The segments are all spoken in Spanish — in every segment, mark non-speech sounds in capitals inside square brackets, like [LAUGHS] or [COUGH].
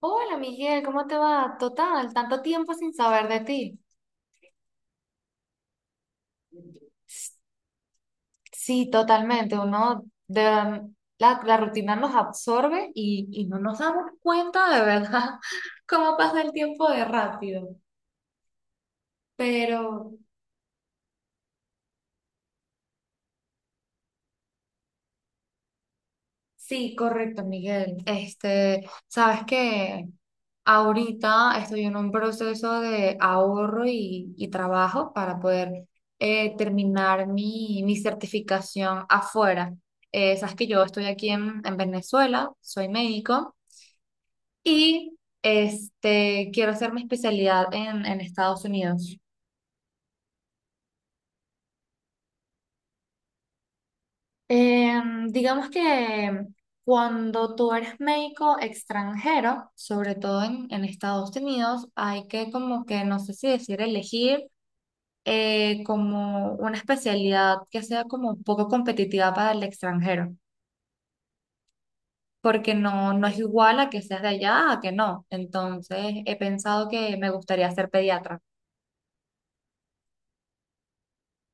Hola Miguel, ¿cómo te va? Total, tanto tiempo sin saber de ti. S- Sí, totalmente. Uno de la rutina nos absorbe y no nos damos cuenta de verdad [LAUGHS] cómo pasa el tiempo de rápido. Pero Sí, correcto, Miguel. Este, sabes que ahorita estoy en un proceso de ahorro y trabajo para poder terminar mi certificación afuera. Sabes que yo estoy aquí en Venezuela, soy médico y este, quiero hacer mi especialidad en Estados Unidos. Digamos que cuando tú eres médico extranjero, sobre todo en Estados Unidos, hay que como que, no sé si decir, elegir como una especialidad que sea como un poco competitiva para el extranjero, porque no, no es igual a que seas de allá a que no. Entonces, he pensado que me gustaría ser pediatra.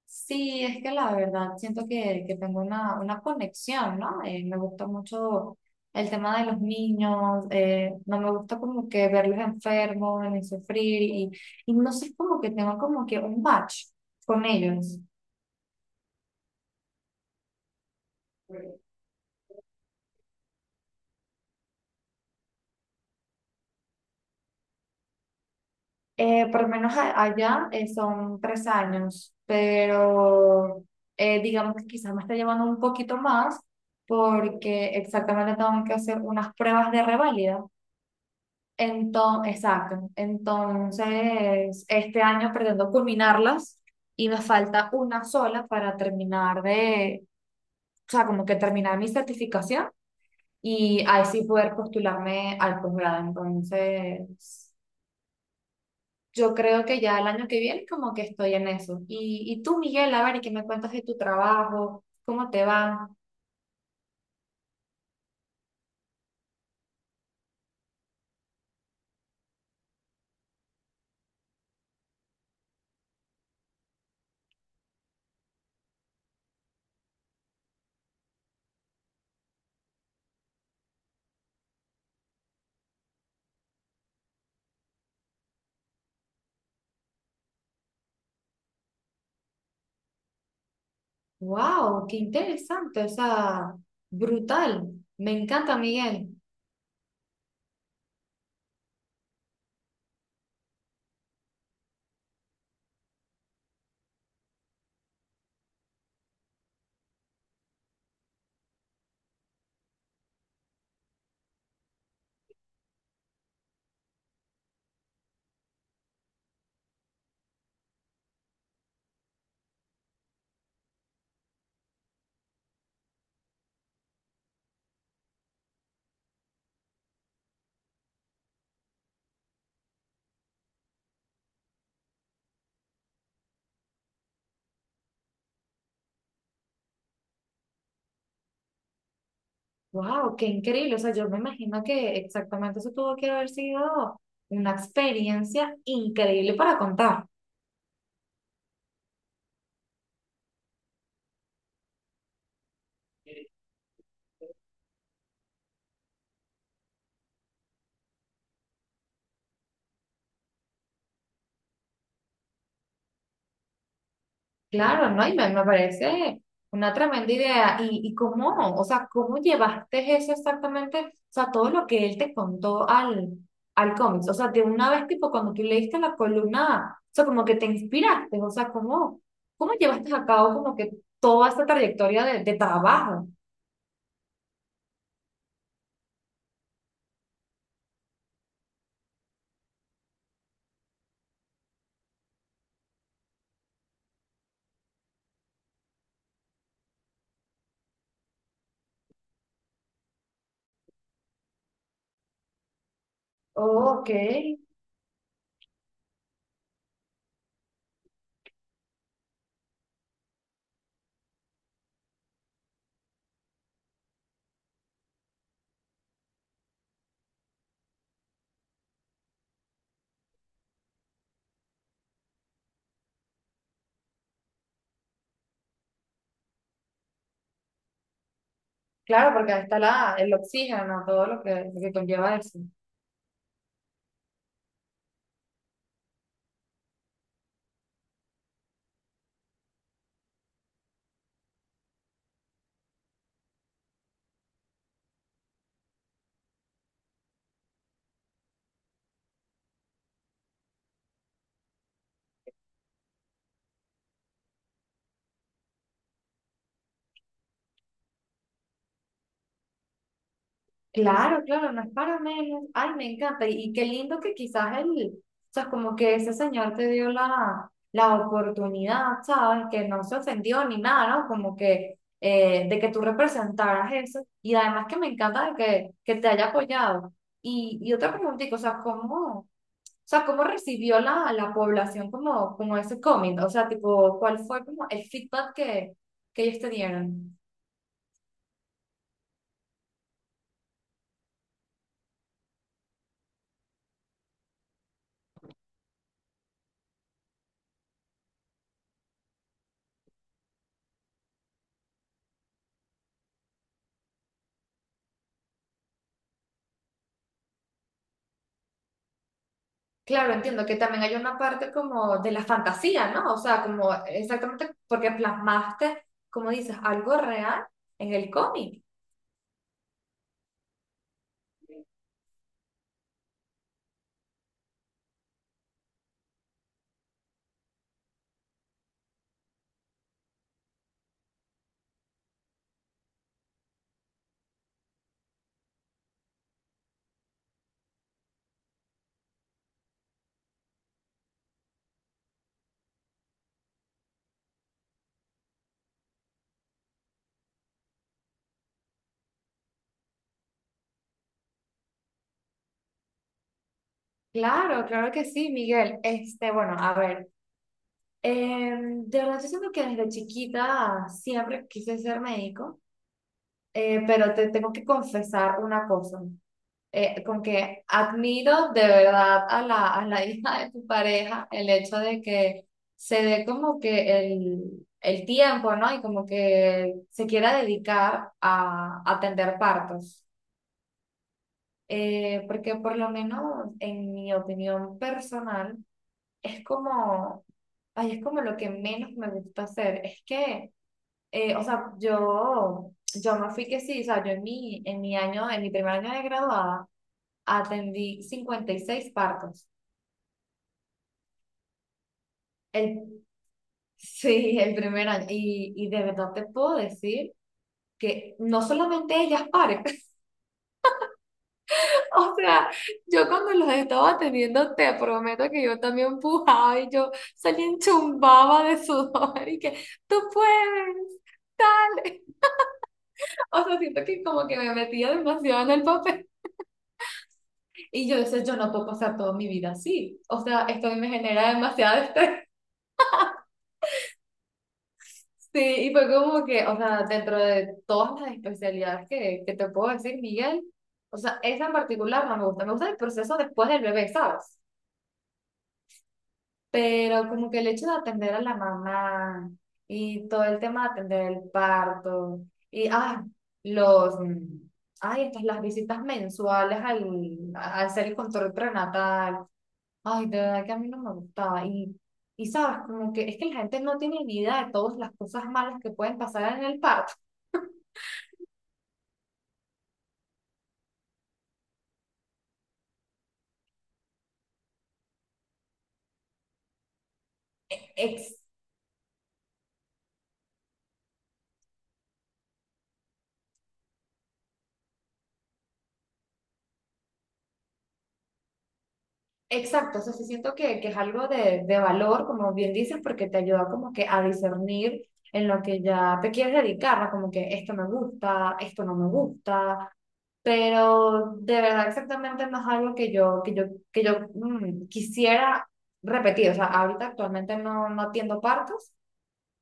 Sí, es que la verdad siento que tengo una conexión, ¿no? Me gusta mucho el tema de los niños, no me gusta como que verlos enfermos, ni sufrir, y no sé, como que tengo como que un batch con ellos. Por lo menos allá son 3 años, pero digamos que quizás me está llevando un poquito más porque exactamente tengo que hacer unas pruebas de reválida. Entonces, exacto. Entonces, este año pretendo culminarlas y me falta una sola para terminar de, o sea, como que terminar mi certificación y ahí sí poder postularme al posgrado. Entonces, yo creo que ya el año que viene como que estoy en eso. Y tú, Miguel, a ver, y ¿qué me cuentas de tu trabajo? ¿Cómo te va? ¡Wow! ¡Qué interesante! O sea, brutal. Me encanta, Miguel. Wow, qué increíble. O sea, yo me imagino que exactamente eso tuvo que haber sido una experiencia increíble para contar. Claro, ¿no? Y me parece una tremenda idea. Y cómo? O sea, ¿cómo llevaste eso exactamente? O sea, todo lo que él te contó al cómics. O sea, de una vez, tipo, cuando tú leíste la columna, o sea, como que te inspiraste. O sea, ¿cómo, cómo llevaste a cabo como que toda esta trayectoria de trabajo? Oh, ok. Claro, porque ahí está la, el oxígeno, todo lo que conlleva eso. Claro, claro, no es para menos. Ay, me encanta. Y qué lindo que quizás él, o sea, como que ese señor te dio la oportunidad, ¿sabes? Que no se ofendió ni nada, ¿no? Como que de que tú representaras eso. Y además que me encanta de que te haya apoyado. Y otra preguntita, o sea, cómo recibió la población como, como ese cómic? O sea, tipo, ¿cuál fue como el feedback que ellos te dieron? Claro, entiendo que también hay una parte como de la fantasía, ¿no? O sea, como exactamente porque plasmaste, como dices, algo real en el cómic. Claro, claro que sí, Miguel. Este, bueno, a ver, eh, de verdad yo siento que desde chiquita siempre quise ser médico, pero te tengo que confesar una cosa. Con que admiro de verdad a la [LAUGHS] hija de tu pareja el hecho de que se dé como que el tiempo, ¿no? Y como que se quiera dedicar a atender partos. Porque por lo menos en mi opinión personal, es como, ay, es como lo que menos me gusta hacer. Es que, o sea, yo me fui que sí, o sea, yo en mi año, en mi primer año de graduada, atendí 56 partos. El, [LAUGHS] sí, el primer año. Y de verdad te puedo decir que no solamente ellas paren. [LAUGHS] O sea, yo cuando los estaba atendiendo, te prometo que yo también empujaba y yo salía enchumbaba de sudor y que tú puedes. O sea, siento que como que me metía demasiado en el papel. Y yo decía, yo no puedo pasar toda mi vida así. O sea, esto a mí me genera demasiado [LAUGHS] estrés. Sí, y fue como que, o sea, dentro de todas las especialidades que te puedo decir, Miguel, o sea, esa en particular no me gusta. Me gusta el proceso después del bebé, ¿sabes? Pero como que el hecho de atender a la mamá y todo el tema de atender el parto y, ah, los, ay, estas, las visitas mensuales al, al hacer el control prenatal. Ay, de verdad que a mí no me gustaba. Y sabes, como que es que la gente no tiene ni idea de todas las cosas malas que pueden pasar en el parto. Ex- exacto, o sea, sí siento que es algo de valor, como bien dices, porque te ayuda como que a discernir en lo que ya te quieres dedicar, ¿no? Como que esto me gusta, esto no me gusta, pero de verdad exactamente no es algo que yo, que yo quisiera repetir, o sea, ahorita actualmente no, no atiendo partos,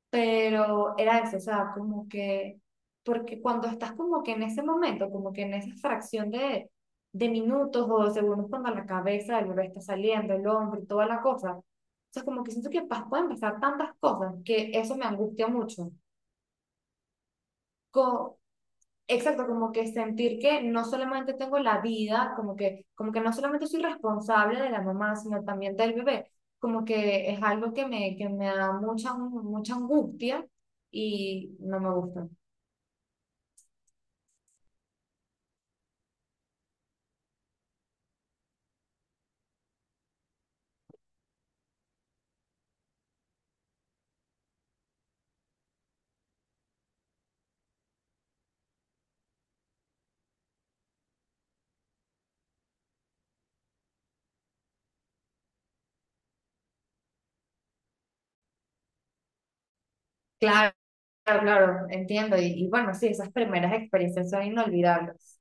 pero era eso, o sea, como que, porque cuando estás como que en ese momento, como que en esa fracción de minutos o de segundos cuando la cabeza del bebé está saliendo, el hombro y toda la cosa, o sea, como que siento que pueden pasar tantas cosas que eso me angustia mucho. Co- Exacto, como que sentir que no solamente tengo la vida, como que no solamente soy responsable de la mamá, sino también del bebé, como que es algo que me da mucha, mucha angustia y no me gusta. Claro, claro, claro, entiendo. Y bueno, sí, esas primeras experiencias son inolvidables.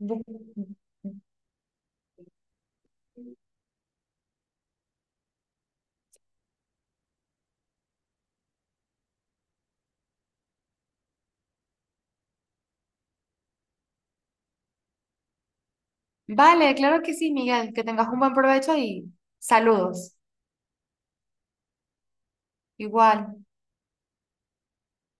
Bu- Vale, claro que sí, Miguel, que tengas un buen provecho y saludos. Igual.